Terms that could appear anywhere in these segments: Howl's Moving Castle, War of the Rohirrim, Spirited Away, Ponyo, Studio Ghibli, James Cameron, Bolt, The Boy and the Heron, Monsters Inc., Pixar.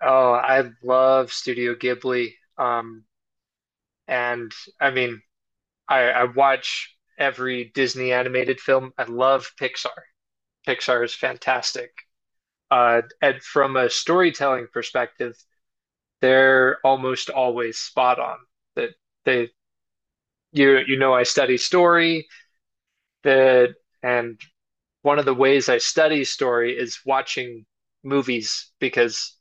Oh, I love Studio Ghibli. And I mean, I watch every Disney animated film. I love Pixar. Pixar is fantastic. And from a storytelling perspective, they're almost always spot on. That they, I study story. That and One of the ways I study story is watching movies because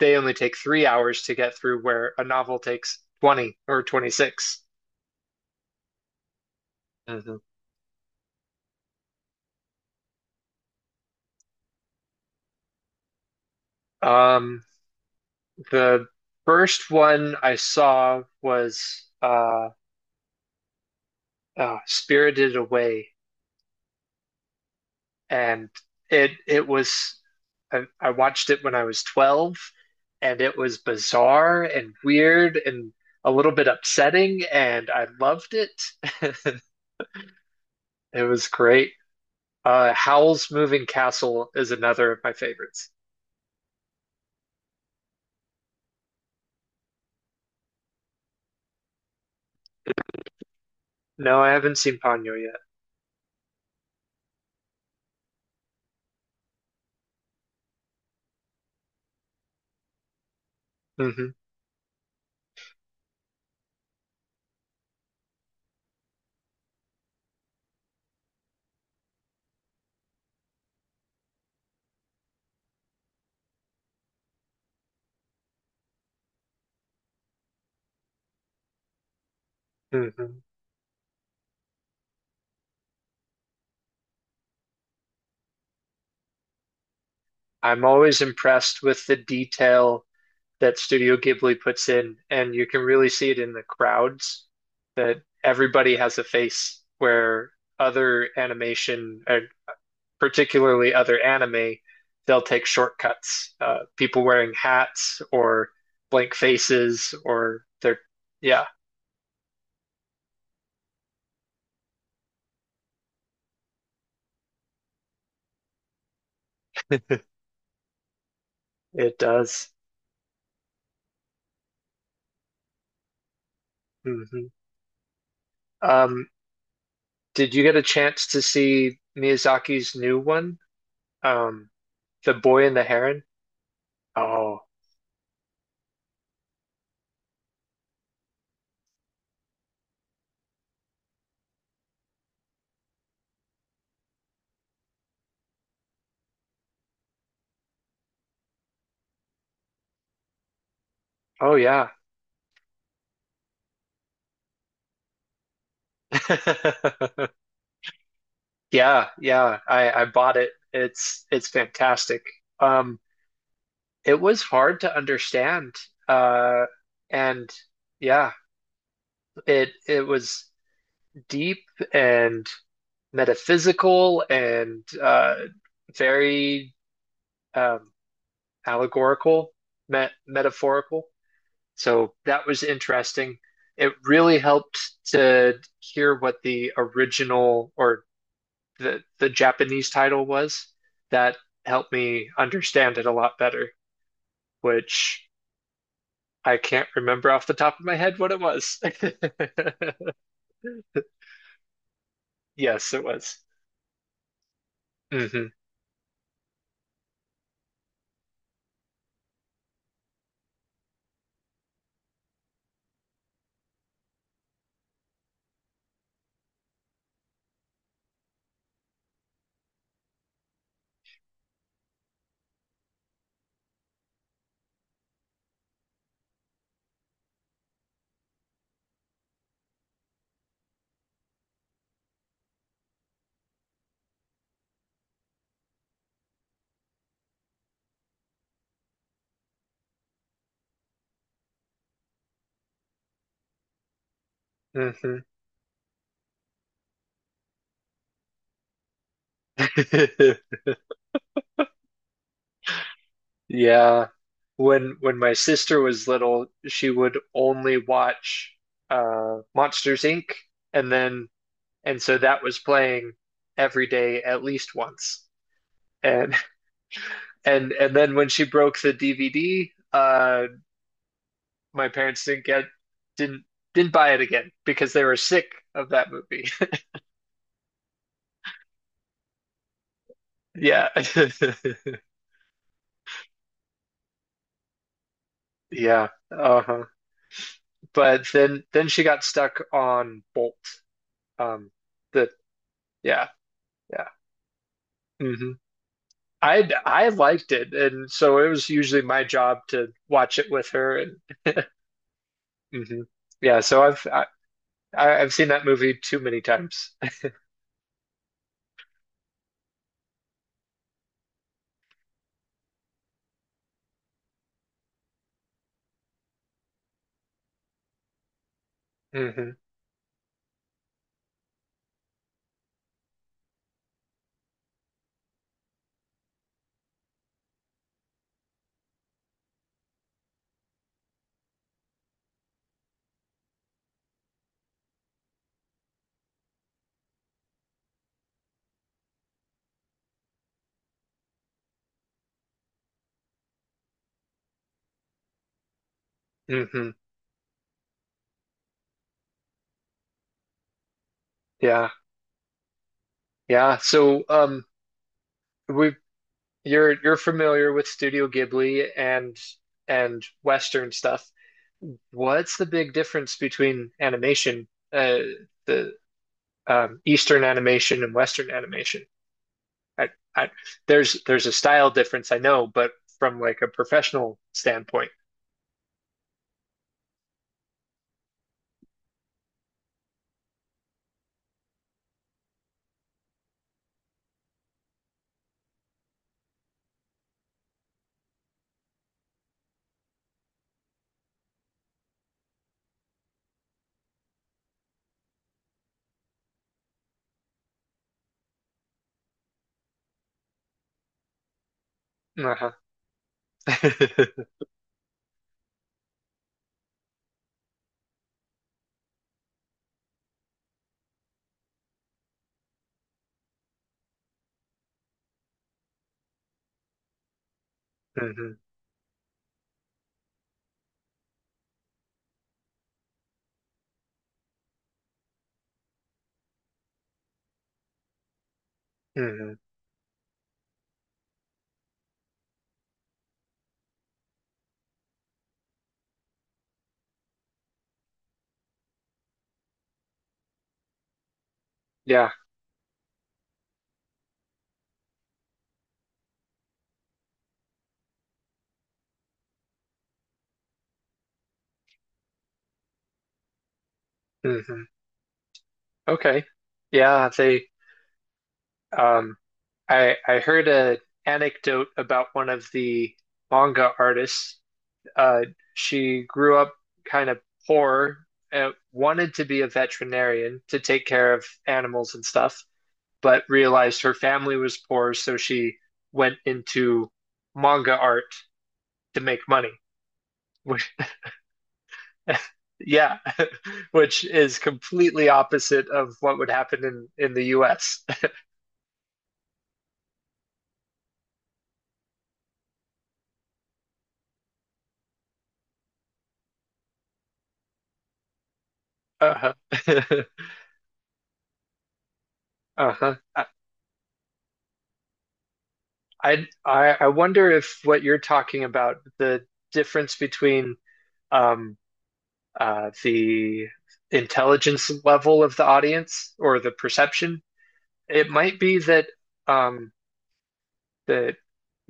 they only take 3 hours to get through, where a novel takes 20 or 26. Mhm. Um, the first one I saw was Spirited Away, and it was I watched it when I was 12, and it was bizarre and weird and a little bit upsetting, and I loved it. It was great. Howl's Moving Castle is another of my favorites. No, I haven't seen Ponyo yet. hmm hmm I'm always impressed with the detail that Studio Ghibli puts in, and you can really see it in the crowds that everybody has a face where other animation, particularly other anime, they'll take shortcuts. People wearing hats or blank faces yeah, it does. hmm Um, did you get a chance to see Miyazaki's new one? Um, The Boy and the Heron. Oh, oh yeah. Yeah, yeah. I bought it. It's fantastic. Um, it was hard to understand. Uh, and Yeah, it was deep and metaphysical and very um allegorical, metaphorical. So that was interesting. It really helped to hear what the original or the Japanese title was. That helped me understand it a lot better, which I can't remember off the top of my head what it was. Yes, it was. hmm hmm Yeah. When my sister was little, she would only watch Monsters Inc. and then And so that was playing every day at least once. And and then when she broke the DVD, my parents didn't get didn't didn't buy it again because they were sick of that movie. Yeah. Yeah. Uh-huh. But then she got stuck on Bolt. Um the Yeah, yeah. hmm I liked it and so it was usually my job to watch it with her and mhm. Yeah, so I've seen that movie too many times. hmm hmm Yeah. Yeah. So, we you're familiar with Studio Ghibli and Western stuff. What's the big difference between animation, uh, the Eastern animation and Western animation? I, I, there's a style difference, I know, but from like a professional standpoint. Uh-huh. hmm hmm Yeah. hmm Okay. Yeah, they Um, I heard a anecdote about one of the manga artists. Uh, she grew up kind of poor, wanted to be a veterinarian to take care of animals and stuff, but realized her family was poor, so she went into manga art to make money. Which, yeah, which is completely opposite of what would happen in the US. Uh-huh. Uh-huh. I wonder if what you're talking about, the difference between um the intelligence level of the audience or the perception, it might be that um that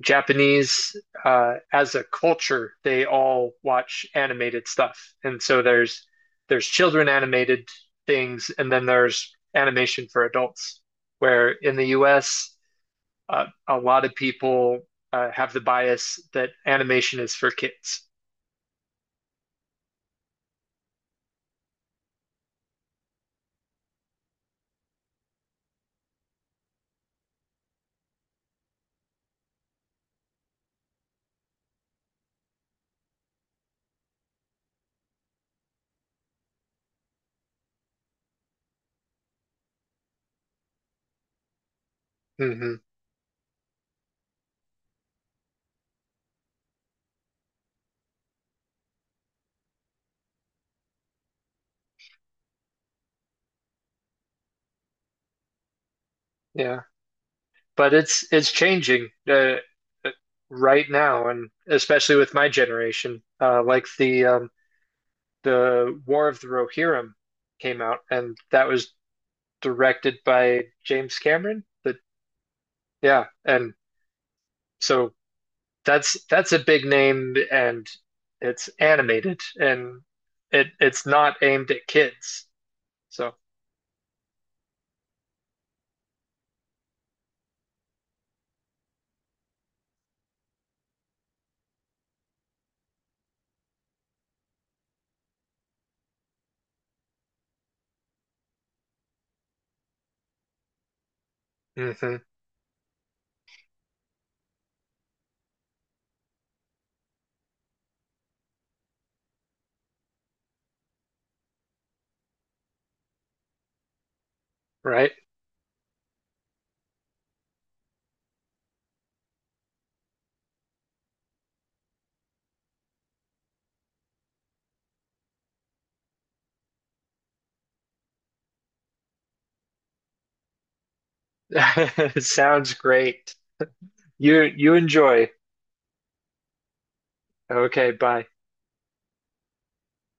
Japanese as a culture, they all watch animated stuff. And so there's children animated things and then there's animation for adults. Where in the US a lot of people have the bias that animation is for kids. hmm Yeah, but it's changing uh, right now, and especially with my generation. Like the War of the Rohirrim came out, and that was directed by James Cameron. But yeah, and so that's a big name, and it's animated, and it's not aimed at kids. So, hmm right? Sounds great. You enjoy. Okay, bye.